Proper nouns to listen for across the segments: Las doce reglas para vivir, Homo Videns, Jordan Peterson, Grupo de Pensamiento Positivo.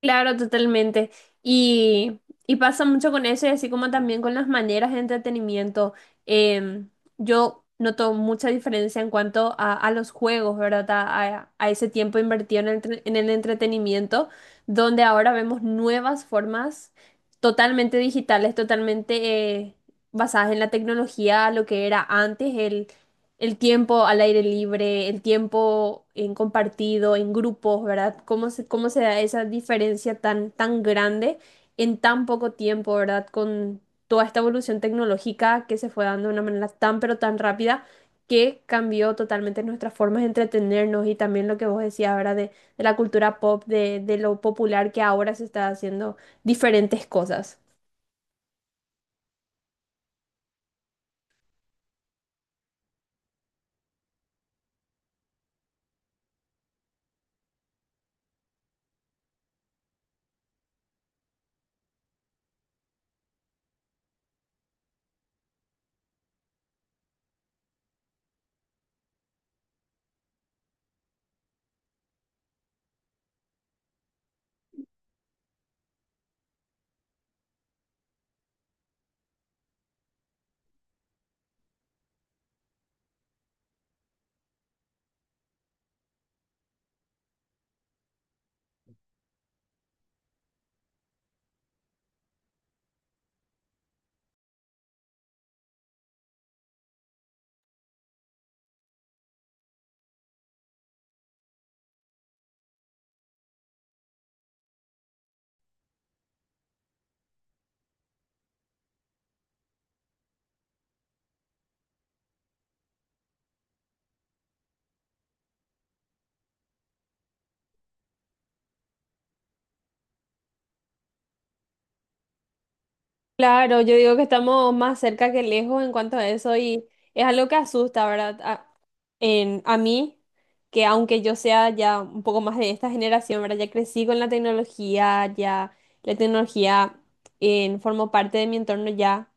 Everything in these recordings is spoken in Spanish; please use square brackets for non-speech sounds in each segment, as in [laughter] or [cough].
Claro, totalmente. Y, y pasa mucho con eso y así como también con las maneras de entretenimiento. Em, yo noto mucha diferencia en cuanto a los juegos, ¿verdad? A ese tiempo invertido en en el entretenimiento, donde ahora vemos nuevas formas totalmente digitales, totalmente basadas en la tecnología, lo que era antes el tiempo al aire libre, el tiempo en compartido, en grupos, ¿verdad? ¿Cómo se da esa diferencia tan, tan grande en tan poco tiempo? ¿Verdad? Con toda esta evolución tecnológica que se fue dando de una manera tan, pero tan rápida, que cambió totalmente nuestras formas de entretenernos y también lo que vos decías, ahora de la cultura pop, de lo popular, que ahora se está haciendo diferentes cosas. Claro, yo digo que estamos más cerca que lejos en cuanto a eso y es algo que asusta, ¿verdad? A mí, que aunque yo sea ya un poco más de esta generación, ¿verdad? Ya crecí con la tecnología, ya la tecnología formó parte de mi entorno ya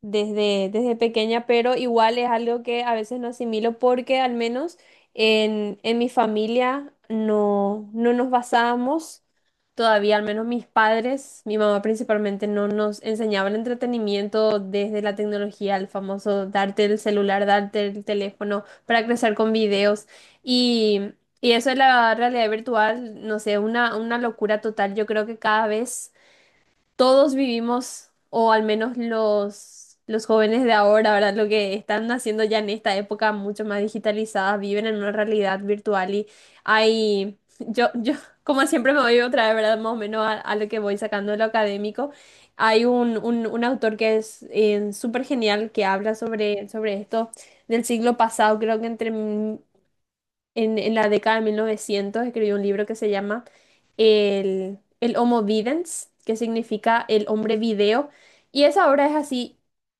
desde pequeña, pero igual es algo que a veces no asimilo porque al menos en mi familia no nos basábamos todavía, al menos mis padres, mi mamá principalmente, no nos enseñaba el entretenimiento desde la tecnología, el famoso darte el celular, darte el teléfono para crecer con videos y... Y eso es la realidad virtual, no sé, una locura total. Yo creo que cada vez todos vivimos, o al menos los jóvenes de ahora, ¿verdad? Lo que están haciendo ya en esta época mucho más digitalizada, viven en una realidad virtual y hay, yo, [laughs] como siempre me voy otra vez, ¿verdad? Más o menos a lo que voy sacando de lo académico. Hay un autor que es súper genial, que habla sobre, sobre esto del siglo pasado. Creo que entre en la década de 1900 escribió un libro que se llama el Homo Videns, que significa el hombre video. Y esa obra es así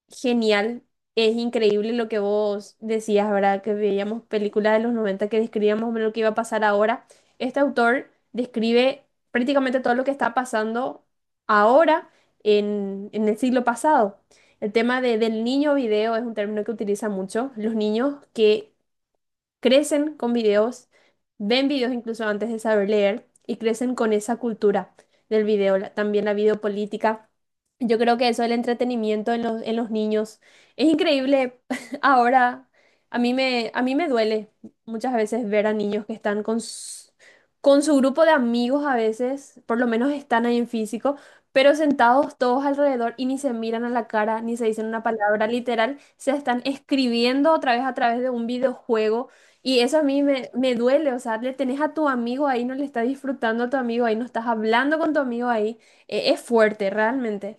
genial, es increíble lo que vos decías, ¿verdad? Que veíamos películas de los 90 que describíamos más o menos lo que iba a pasar ahora. Este autor describe prácticamente todo lo que está pasando ahora en el siglo pasado. El tema del niño video es un término que utiliza mucho. Los niños que crecen con videos, ven videos incluso antes de saber leer y crecen con esa cultura del video, también la videopolítica. Yo creo que eso del entretenimiento en los niños es increíble. [laughs] Ahora, a mí me duele muchas veces ver a niños que están con su grupo de amigos a veces, por lo menos están ahí en físico, pero sentados todos alrededor, y ni se miran a la cara, ni se dicen una palabra literal, se están escribiendo otra vez a través de un videojuego. Y eso me duele. O sea, le tenés a tu amigo ahí, no le estás disfrutando a tu amigo ahí, no estás hablando con tu amigo ahí. Es fuerte, realmente.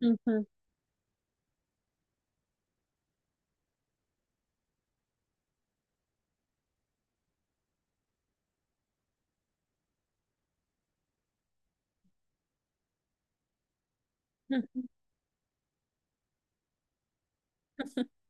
Ujú. [laughs]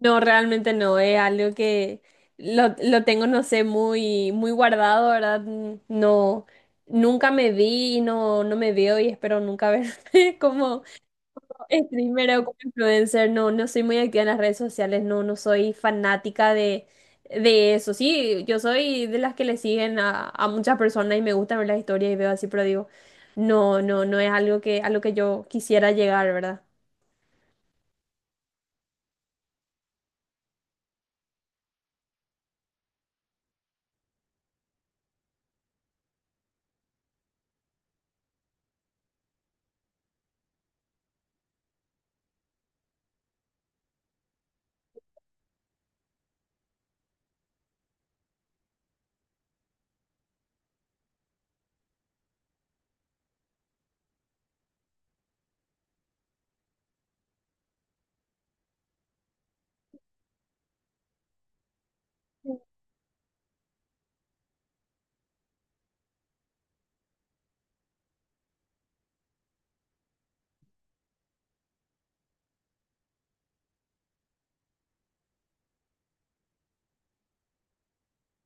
No, realmente no. Es algo que lo tengo, no sé, muy, muy guardado, ¿verdad? No, nunca me vi y no, no me veo, y espero nunca ver [laughs] como Streamer o como influencer. No, no soy muy activa en las redes sociales, no, no soy fanática de eso. Sí, yo soy de las que le siguen a muchas personas y me gusta ver las historias y veo así, pero digo, no, no, no es algo que, a lo que yo quisiera llegar, ¿verdad?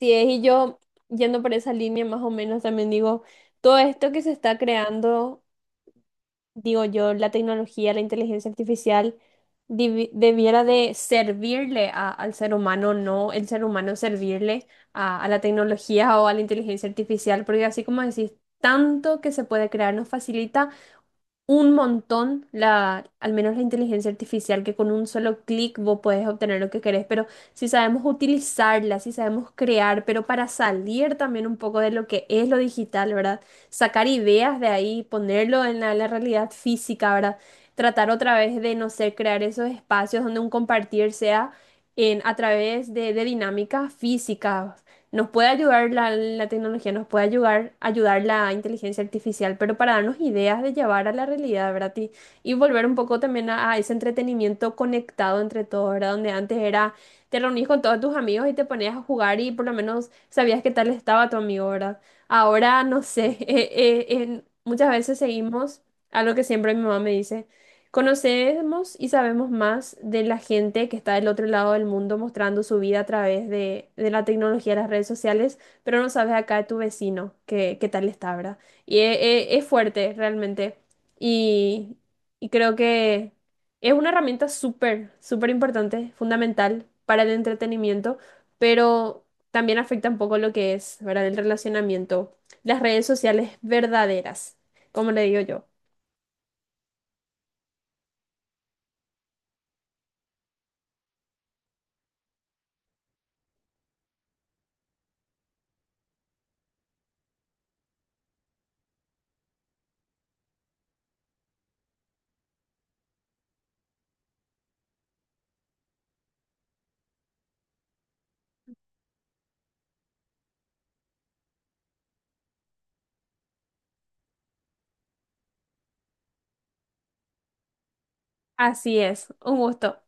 Sí, es, y yo, yendo por esa línea más o menos, también digo, todo esto que se está creando. Digo yo, la tecnología, la inteligencia artificial debiera de servirle al ser humano, no el ser humano servirle a la tecnología o a la inteligencia artificial, porque así como decís, tanto que se puede crear nos facilita un montón la, al menos la inteligencia artificial, que con un solo clic vos podés obtener lo que querés. Pero si sabemos utilizarla, si sabemos crear, pero para salir también un poco de lo que es lo digital, ¿verdad? Sacar ideas de ahí, ponerlo en la realidad física, ¿verdad? Tratar otra vez de, no sé, crear esos espacios donde un compartir sea a través de dinámicas físicas. Nos puede ayudar la tecnología, nos puede ayudar, ayudar la inteligencia artificial, pero para darnos ideas de llevar a la realidad, ¿verdad? Y volver un poco también a ese entretenimiento conectado entre todos, ¿verdad? Donde antes era, te reunís con todos tus amigos y te ponías a jugar y por lo menos sabías qué tal estaba tu amigo, ¿verdad? Ahora, no sé, [laughs] muchas veces seguimos algo que siempre mi mamá me dice. Conocemos y sabemos más de la gente que está del otro lado del mundo mostrando su vida a través de la tecnología de las redes sociales, pero no sabes acá de tu vecino qué, qué tal está, ¿verdad? Y e- es, fuerte realmente. Y, y creo que es una herramienta súper, súper importante, fundamental para el entretenimiento, pero también afecta un poco lo que es, ¿verdad? El relacionamiento, las redes sociales verdaderas, como le digo yo. Así es, un gusto.